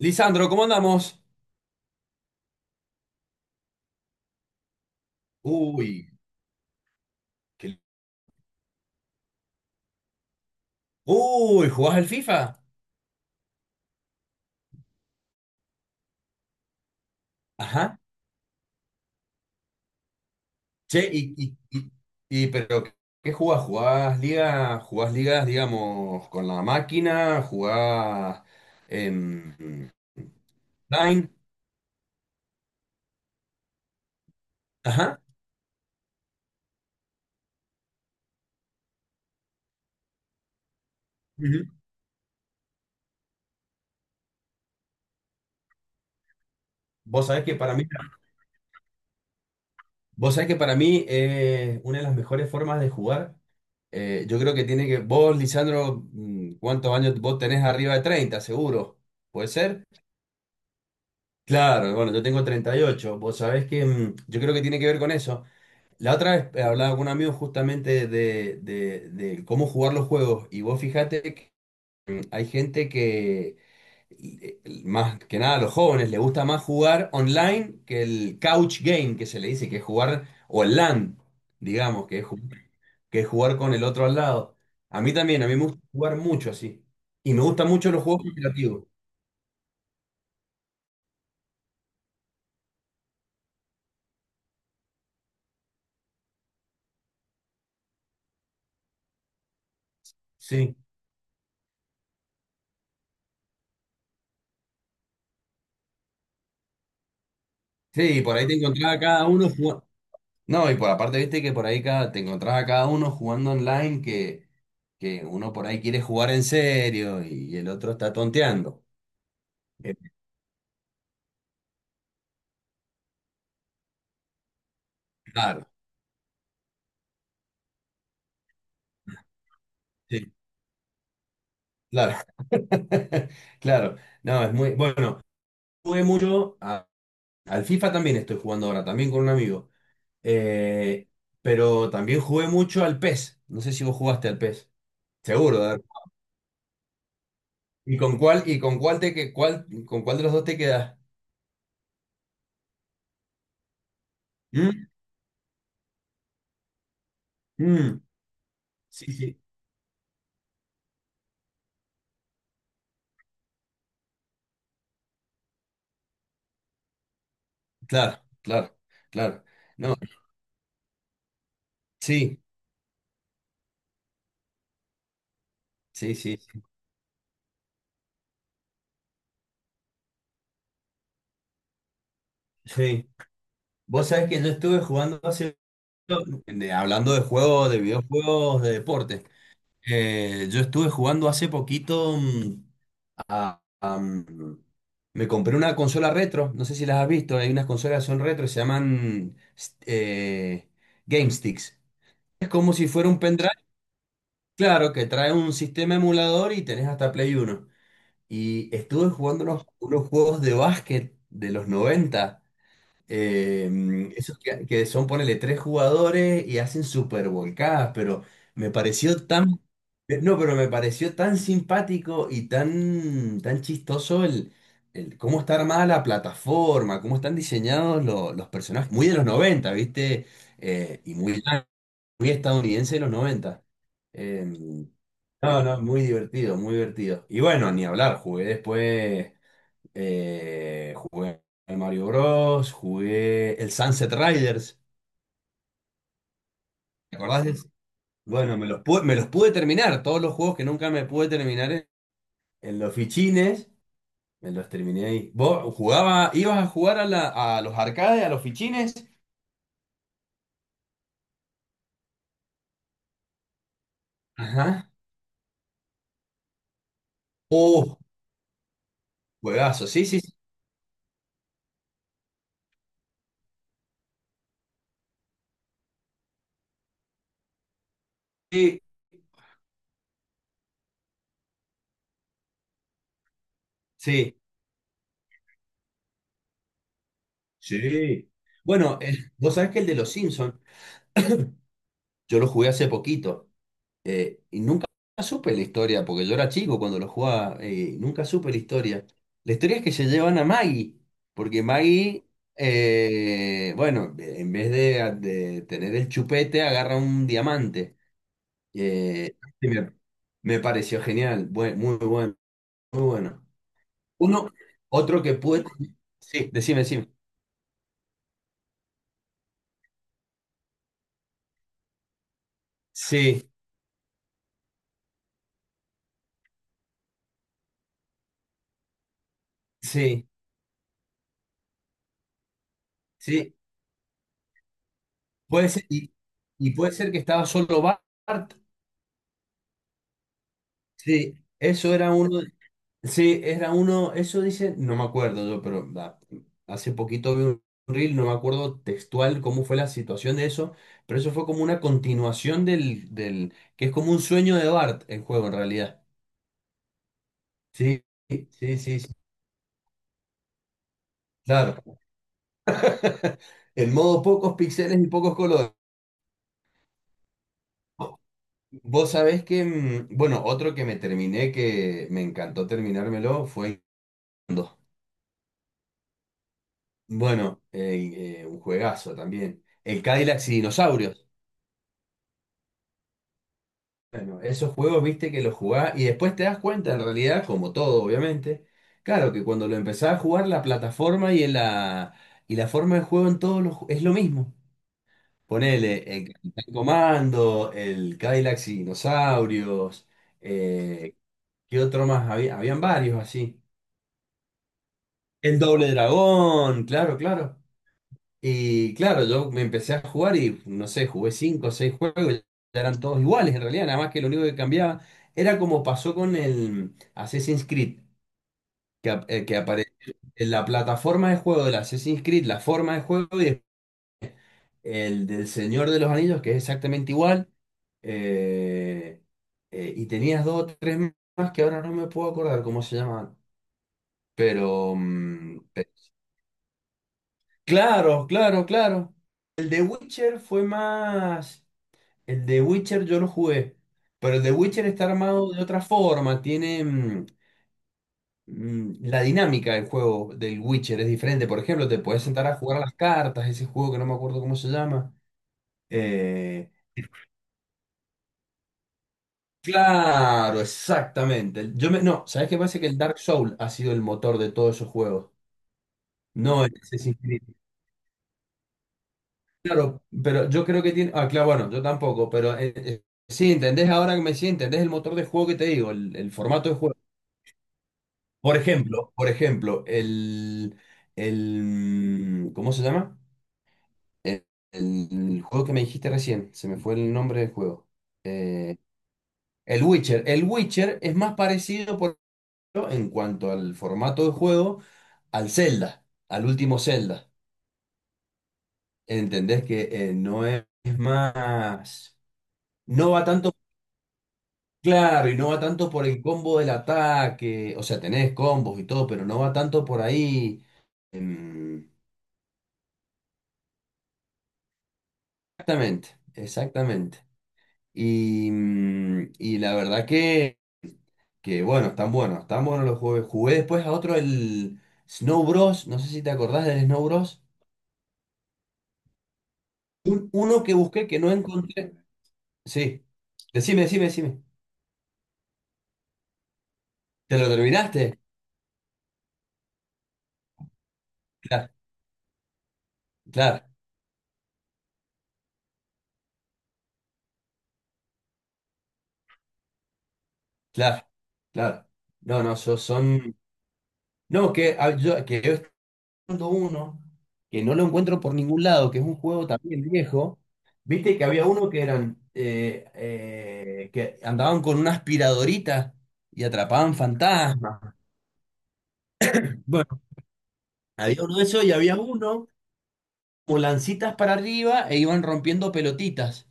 Lisandro, ¿cómo andamos? Uy, qué- Uy, ¿jugás al FIFA? Ajá. Che, y, pero ¿qué jugás? ¿Jugás ligas? ¿Jugás ligas, digamos, con la máquina? ¿Jugás en online? Ajá. Ujú. Vos sabés que para mí, vos sabés que para mí una de las mejores formas de jugar, yo creo que tiene que, vos, Lisandro, ¿cuántos años vos tenés arriba de 30, seguro? ¿Puede ser? Claro, bueno, yo tengo 38. Vos sabés que yo creo que tiene que ver con eso. La otra vez hablaba con un amigo justamente de cómo jugar los juegos y vos fijate que hay gente que, más que nada a los jóvenes, le gusta más jugar online que el couch game que se le dice, que es jugar, o el LAN, digamos, que es jugar con el otro al lado. A mí también, a mí me gusta jugar mucho así. Y me gustan mucho los juegos cooperativos. Sí. Sí, por ahí te encontraba cada uno. No, y por aparte, viste que por ahí cada, te encontrás a cada uno jugando online que uno por ahí quiere jugar en serio y el otro está tonteando. Eh, Claro, sí, claro. Claro, no, es muy bueno. Jugué mucho al FIFA también estoy jugando ahora, también con un amigo. Eh, pero también jugué mucho al PES. No sé si vos jugaste al PES. Seguro, a ver. Y con cuál te que cuál, con cuál de los dos te quedas? ¿Mm? Mm. Sí, sí. Claro, claro, claro. Sí, sí, sí, sí. Vos sabés que yo estuve jugando hace, hablando de juegos, de videojuegos, de deporte. Yo estuve jugando hace poquito a, a, mm, me compré una consola retro, no sé si las has visto, hay unas consolas que son retro, se llaman Game Sticks. Es como si fuera un pendrive, claro, que trae un sistema emulador y tenés hasta Play Uno. Y estuve jugando unos juegos de básquet de los 90. Esos que son, ponele, tres jugadores y hacen super volcadas, pero me pareció tan. No, pero me pareció tan simpático y tan, tan chistoso el cómo está armada la plataforma, cómo están diseñados los personajes, muy de los 90, ¿viste? Y muy, muy estadounidense de los 90. Eh, no, no, muy divertido, muy divertido. Y bueno, ni hablar, jugué después. Jugué el Mario Bros, jugué el Sunset Riders, ¿te acordás de ese? Bueno, me los pude terminar, todos los juegos que nunca me pude terminar en, los fichines, me los terminé ahí. ¿Vos jugaba, ibas a jugar a los arcades, a los fichines? Ajá. Oh, juegazo, sí, sí, sí, sí, sí. Bueno, vos sabés que el de los Simpsons, yo lo jugué hace poquito. Y nunca supe la historia, porque yo era chico cuando lo jugaba, nunca supe la historia. La historia es que se llevan a Maggie, porque Maggie, bueno, en vez de tener el chupete, agarra un diamante. Y me pareció genial, muy bueno, muy bueno. Uno, otro que pude... Sí, decime, decime. Sí, sí, sí. Puede ser, y puede ser que estaba solo Bart. Sí, eso era uno. Sí, era uno, eso dice, no me acuerdo yo, pero da, hace poquito vi un reel, no me acuerdo textual cómo fue la situación de eso, pero eso fue como una continuación del, que es como un sueño de Bart el juego en realidad. Sí, sí, sí, sí, sí, claro. El modo pocos píxeles y pocos colores. Vos sabés que, bueno, otro que me terminé, que me encantó terminármelo, fue... Inndo. Bueno, un juegazo también. El Cadillac y dinosaurios. Bueno, esos juegos, viste que los jugás y después te das cuenta, en realidad, como todo, obviamente, claro que cuando lo empezás a jugar, la plataforma y la forma de juego en todos es lo mismo. Ponele el Capitán Comando, el Cadillac y Dinosaurios, eh, ¿qué otro más había? Habían varios así. El Doble Dragón, claro, claro. Y claro, yo me empecé a jugar y no sé, jugué cinco o seis juegos, ya eran todos iguales en realidad, nada más que lo único que cambiaba era como pasó con el Assassin's Creed, que apareció en la plataforma de juego del Assassin's Creed, la forma de juego y el del Señor de los Anillos, que es exactamente igual. eh, y tenías dos o tres más que ahora no me puedo acordar cómo se llamaban. Pero, claro, claro, claro. El de Witcher fue más. El de Witcher yo lo jugué, pero el de Witcher está armado de otra forma, tiene la dinámica del juego del Witcher es diferente. Por ejemplo, te puedes sentar a jugar a las cartas, ese juego que no me acuerdo cómo se llama. Eh, claro, exactamente. Yo me, no, ¿sabes qué pasa? Que el Dark Souls ha sido el motor de todos esos juegos. No el Assassin's Creed. Claro, pero yo creo que tiene. Ah, claro, bueno, yo tampoco, pero sí, entendés ahora que me sí, entendés el motor de juego que te digo, el formato de juego. Por ejemplo, el, ¿cómo se llama? El, el juego que me dijiste recién, se me fue el nombre del juego. Eh, el Witcher. El Witcher es más parecido, por ejemplo, en cuanto al formato de juego, al Zelda, al último Zelda. ¿Entendés que no es más, no va tanto, claro, y no va tanto por el combo del ataque, o sea, tenés combos y todo, pero no va tanto por ahí. em, Exactamente, exactamente. Y la verdad que, bueno, están buenos los juegos. Jugué después a otro, el Snow Bros. No sé si te acordás del Snow Bros. Uno que busqué que no encontré. Sí, decime, decime, decime. ¿Te lo terminaste? Claro, claro, claro, claro. No, no, son... No, que, ah, yo, que uno que no lo encuentro por ningún lado, que es un juego también viejo. Viste que había uno que eran que andaban con una aspiradorita y atrapaban fantasmas. Bueno, había uno de esos y había uno con lancitas para arriba e iban rompiendo pelotitas.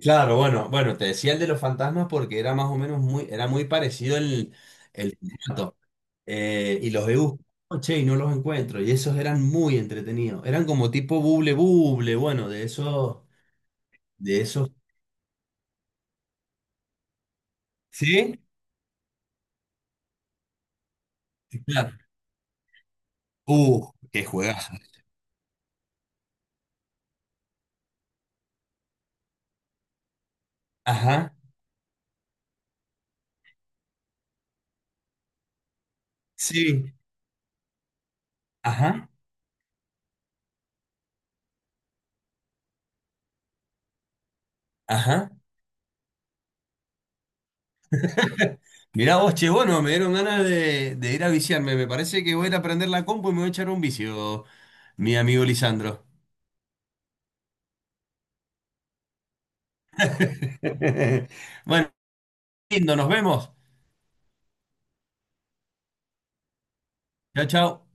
Claro, bueno, bueno, te decía el de los fantasmas porque era más o menos muy, era muy parecido el formato. Y los he buscado, che, y no los encuentro. Y esos eran muy entretenidos. Eran como tipo buble buble, bueno, de esos, de esos. ¿Sí? Claro. Qué juegazo. Ajá. Sí. Ajá. Ajá. Mirá vos, che, bueno, me dieron ganas de ir a viciarme. Me parece que voy a ir a prender la compu y me voy a echar un vicio, mi amigo Lisandro. Bueno, lindo, nos vemos. Chao, chao.